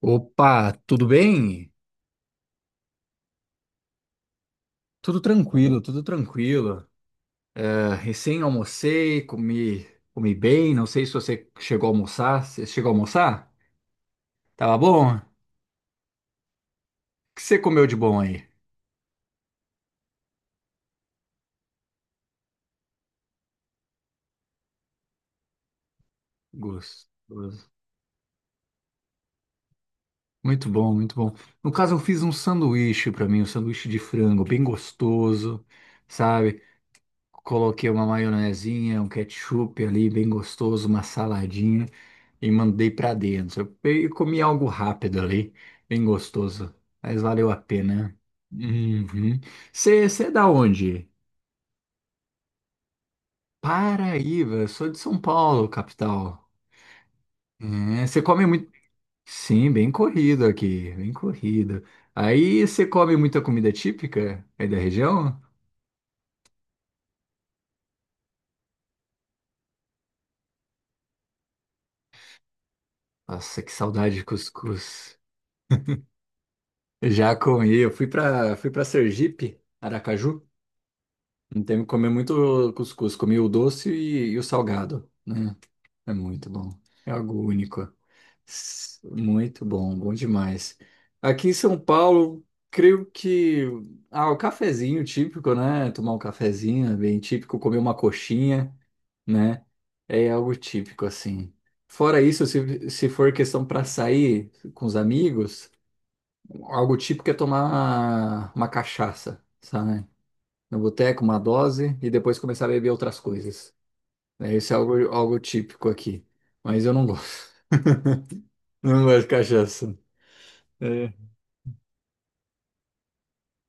Opa, tudo bem? Tudo tranquilo, tudo tranquilo. Ah, recém almocei, comi bem. Não sei se você chegou a almoçar. Você chegou a almoçar? Tava bom? O que você comeu de bom aí? Gostoso. Muito bom, muito bom. No caso, eu fiz um sanduíche pra mim, um sanduíche de frango, bem gostoso, sabe? Coloquei uma maionezinha, um ketchup ali, bem gostoso, uma saladinha, e mandei para dentro. Eu comi algo rápido ali, bem gostoso, mas valeu a pena. Uhum. Você é da onde? Paraíba, eu sou de São Paulo, capital. É, você come muito. Sim, bem corrido aqui, bem corrido. Aí você come muita comida típica aí da região? Nossa, que saudade de cuscuz. Já comi, eu fui para Sergipe, Aracaju. Não teve que comer muito cuscuz, comi o doce e o salgado, né? É muito bom. É algo único. Muito bom, bom demais. Aqui em São Paulo, creio que o cafezinho típico, né? Tomar um cafezinho é bem típico, comer uma coxinha, né? É algo típico assim. Fora isso, se for questão para sair com os amigos, algo típico é tomar uma cachaça, sabe? No boteco, uma dose e depois começar a beber outras coisas, né? Isso é algo típico aqui, mas eu não gosto. Não gosto de cachaça. É.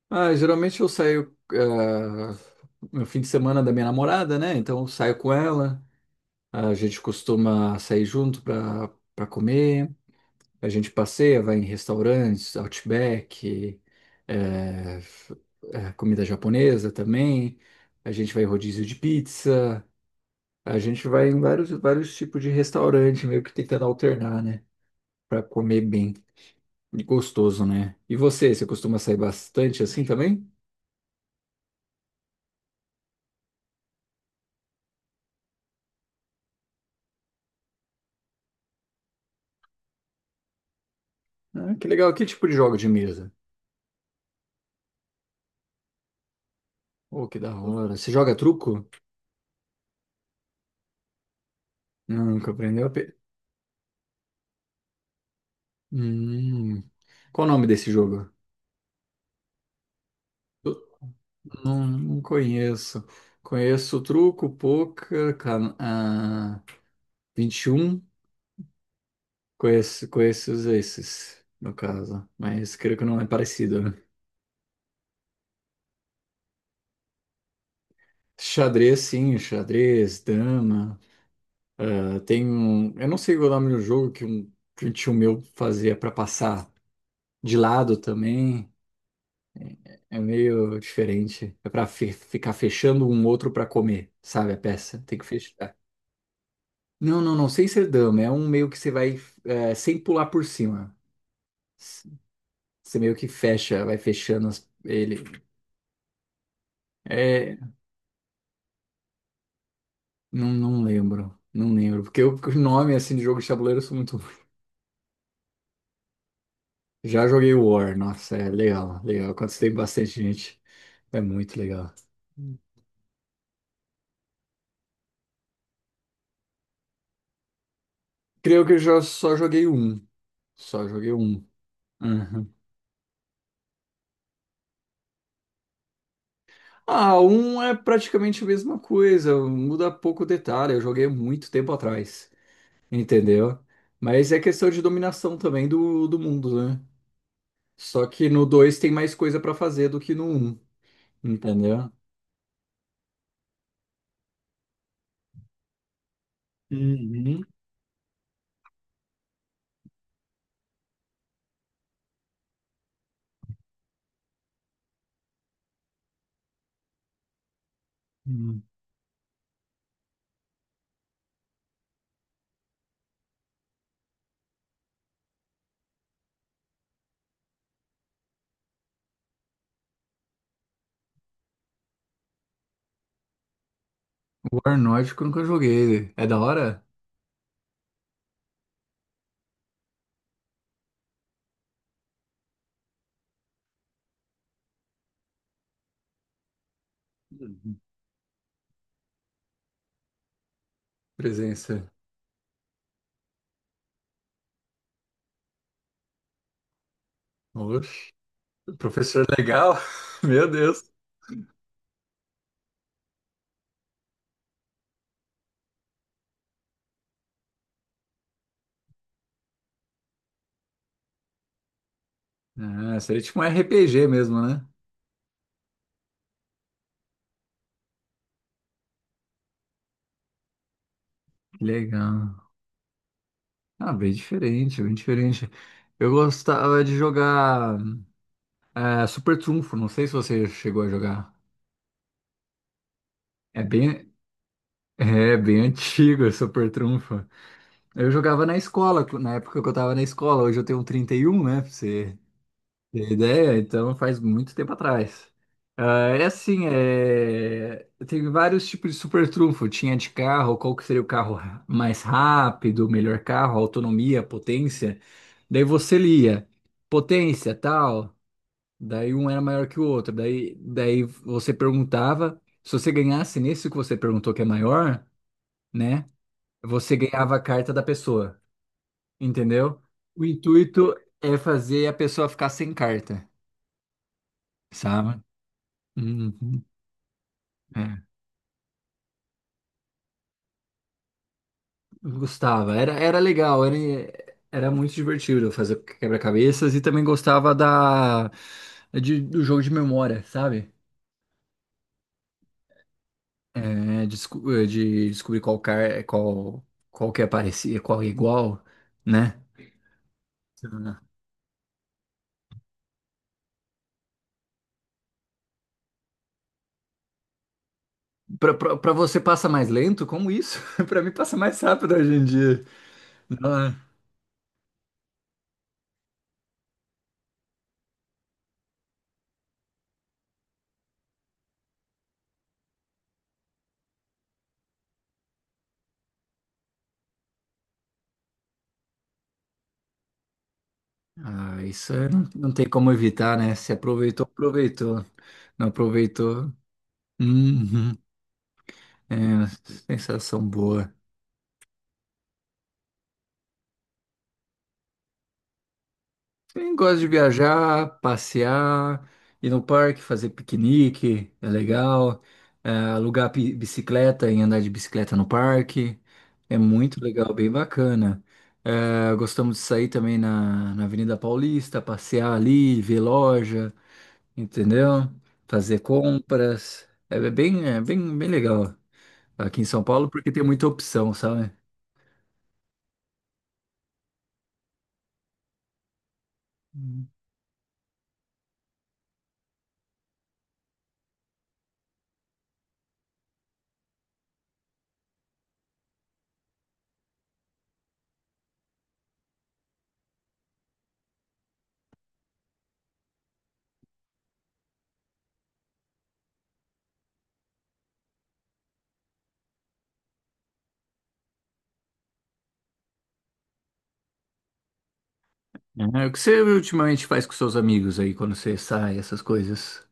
Ah, geralmente eu saio no fim de semana da minha namorada, né? Então eu saio com ela, a gente costuma sair junto pra comer, a gente passeia, vai em restaurantes, Outback, é, f- comida japonesa também, a gente vai em rodízio de pizza, a gente vai em vários tipos de restaurante, meio que tentando alternar, né? Pra comer bem e gostoso, né? E você costuma sair bastante assim também? Ah, que legal. Que tipo de jogo de mesa? Oh, que da hora. Você joga truco? Não, nunca aprendeu a pe... Hum. Qual o nome desse jogo? Eu Não, não conheço. Conheço truco, poker, 21. Conheço esses, no caso. Mas creio que não é parecido, né? Xadrez, sim. Xadrez, dama. Ah, tem um... Eu não sei o nome do jogo que um tio meu fazia para passar de lado também. É meio diferente. É pra ficar fechando um outro pra comer, sabe? A peça. Tem que fechar. Não, não, não. Sem ser dama. É um meio que você vai sem pular por cima. S- Você meio que fecha, vai fechando ele. É. Não, não lembro. Não lembro. Porque o nome assim de jogo de tabuleiro eu sou muito ruim. Já joguei War. Nossa, é legal, legal. Quando você tem bastante gente, é muito legal. Creio que eu já só joguei um. Só joguei um. Uhum. Ah, um é praticamente a mesma coisa, muda pouco detalhe. Eu joguei muito tempo atrás, entendeu? Mas é questão de dominação também do mundo, né? Só que no 2 tem mais coisa pra fazer do que no um, entendeu? Uhum. Uhum. War Nórdico eu nunca joguei. É da hora? Uhum. Presença. Oxe, professor legal. Meu Deus. Ah, seria tipo um RPG mesmo, né? Que legal. Ah, bem diferente, bem diferente. Eu gostava de jogar Super Trunfo, não sei se você chegou a jogar. É bem, é bem antigo esse Super Trunfo. Eu jogava na escola, na época que eu tava na escola, hoje eu tenho 31, né? pra você tem ideia? Então faz muito tempo atrás. Ah, é assim, tem vários tipos de super trunfo. Tinha de carro, qual que seria o carro mais rápido, melhor carro, autonomia, potência. Daí você lia, potência, tal. Daí um era maior que o outro. Daí você perguntava, se você ganhasse nesse que você perguntou que é maior, né? Você ganhava a carta da pessoa, entendeu? O intuito é fazer a pessoa ficar sem carta, sabe? Uhum. É. Eu gostava, era legal, era muito divertido fazer quebra-cabeças e também gostava do jogo de memória, sabe? É, de descobrir qual que aparecia, qual é igual, né? Ah. Pra você passa mais lento, como isso? Pra mim passa mais rápido hoje em dia. Ah, ah, isso não, não tem como evitar, né? Se aproveitou, aproveitou. Não aproveitou. Uhum. É, sensação boa. Quem gosta de viajar, passear, ir no parque, fazer piquenique, é legal. É, alugar bicicleta e andar de bicicleta no parque, é muito legal, bem bacana. É, gostamos de sair também na Avenida Paulista, passear ali, ver loja, entendeu? Fazer compras. É bem, bem legal aqui em São Paulo porque tem muita opção, sabe? É, o que você ultimamente faz com seus amigos aí quando você sai, essas coisas?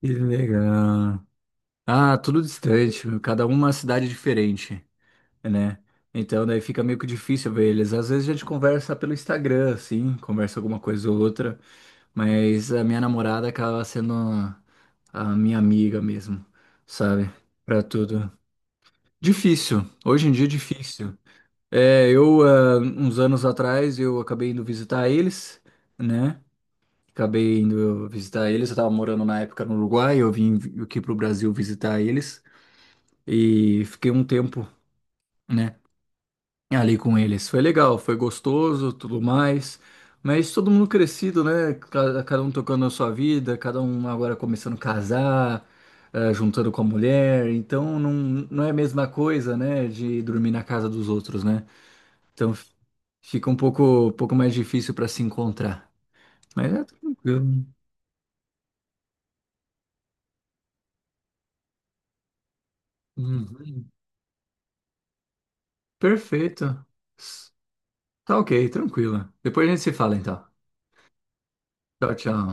Que legal. Ah, tudo distante, meu, cada um uma cidade diferente, né? Então daí fica meio que difícil ver eles. Às vezes a gente conversa pelo Instagram, assim, conversa alguma coisa ou outra, mas a minha namorada acaba sendo a minha amiga mesmo, sabe? Pra tudo. Difícil, hoje em dia é difícil. É, uns anos atrás, eu acabei indo visitar eles, né? Acabei indo visitar eles. Eu estava morando na época no Uruguai, eu vim aqui pro Brasil visitar eles e fiquei um tempo, né, ali com eles. Foi legal, foi gostoso, tudo mais. Mas todo mundo crescido, né? Cada um tocando a sua vida, cada um agora começando a casar, juntando com a mulher. Então não, não é a mesma coisa, né, de dormir na casa dos outros, né? Então fica um pouco mais difícil para se encontrar. Mas é tranquilo. Uhum. Perfeito. Tá ok, tranquilo. Depois a gente se fala então. Tchau, tchau.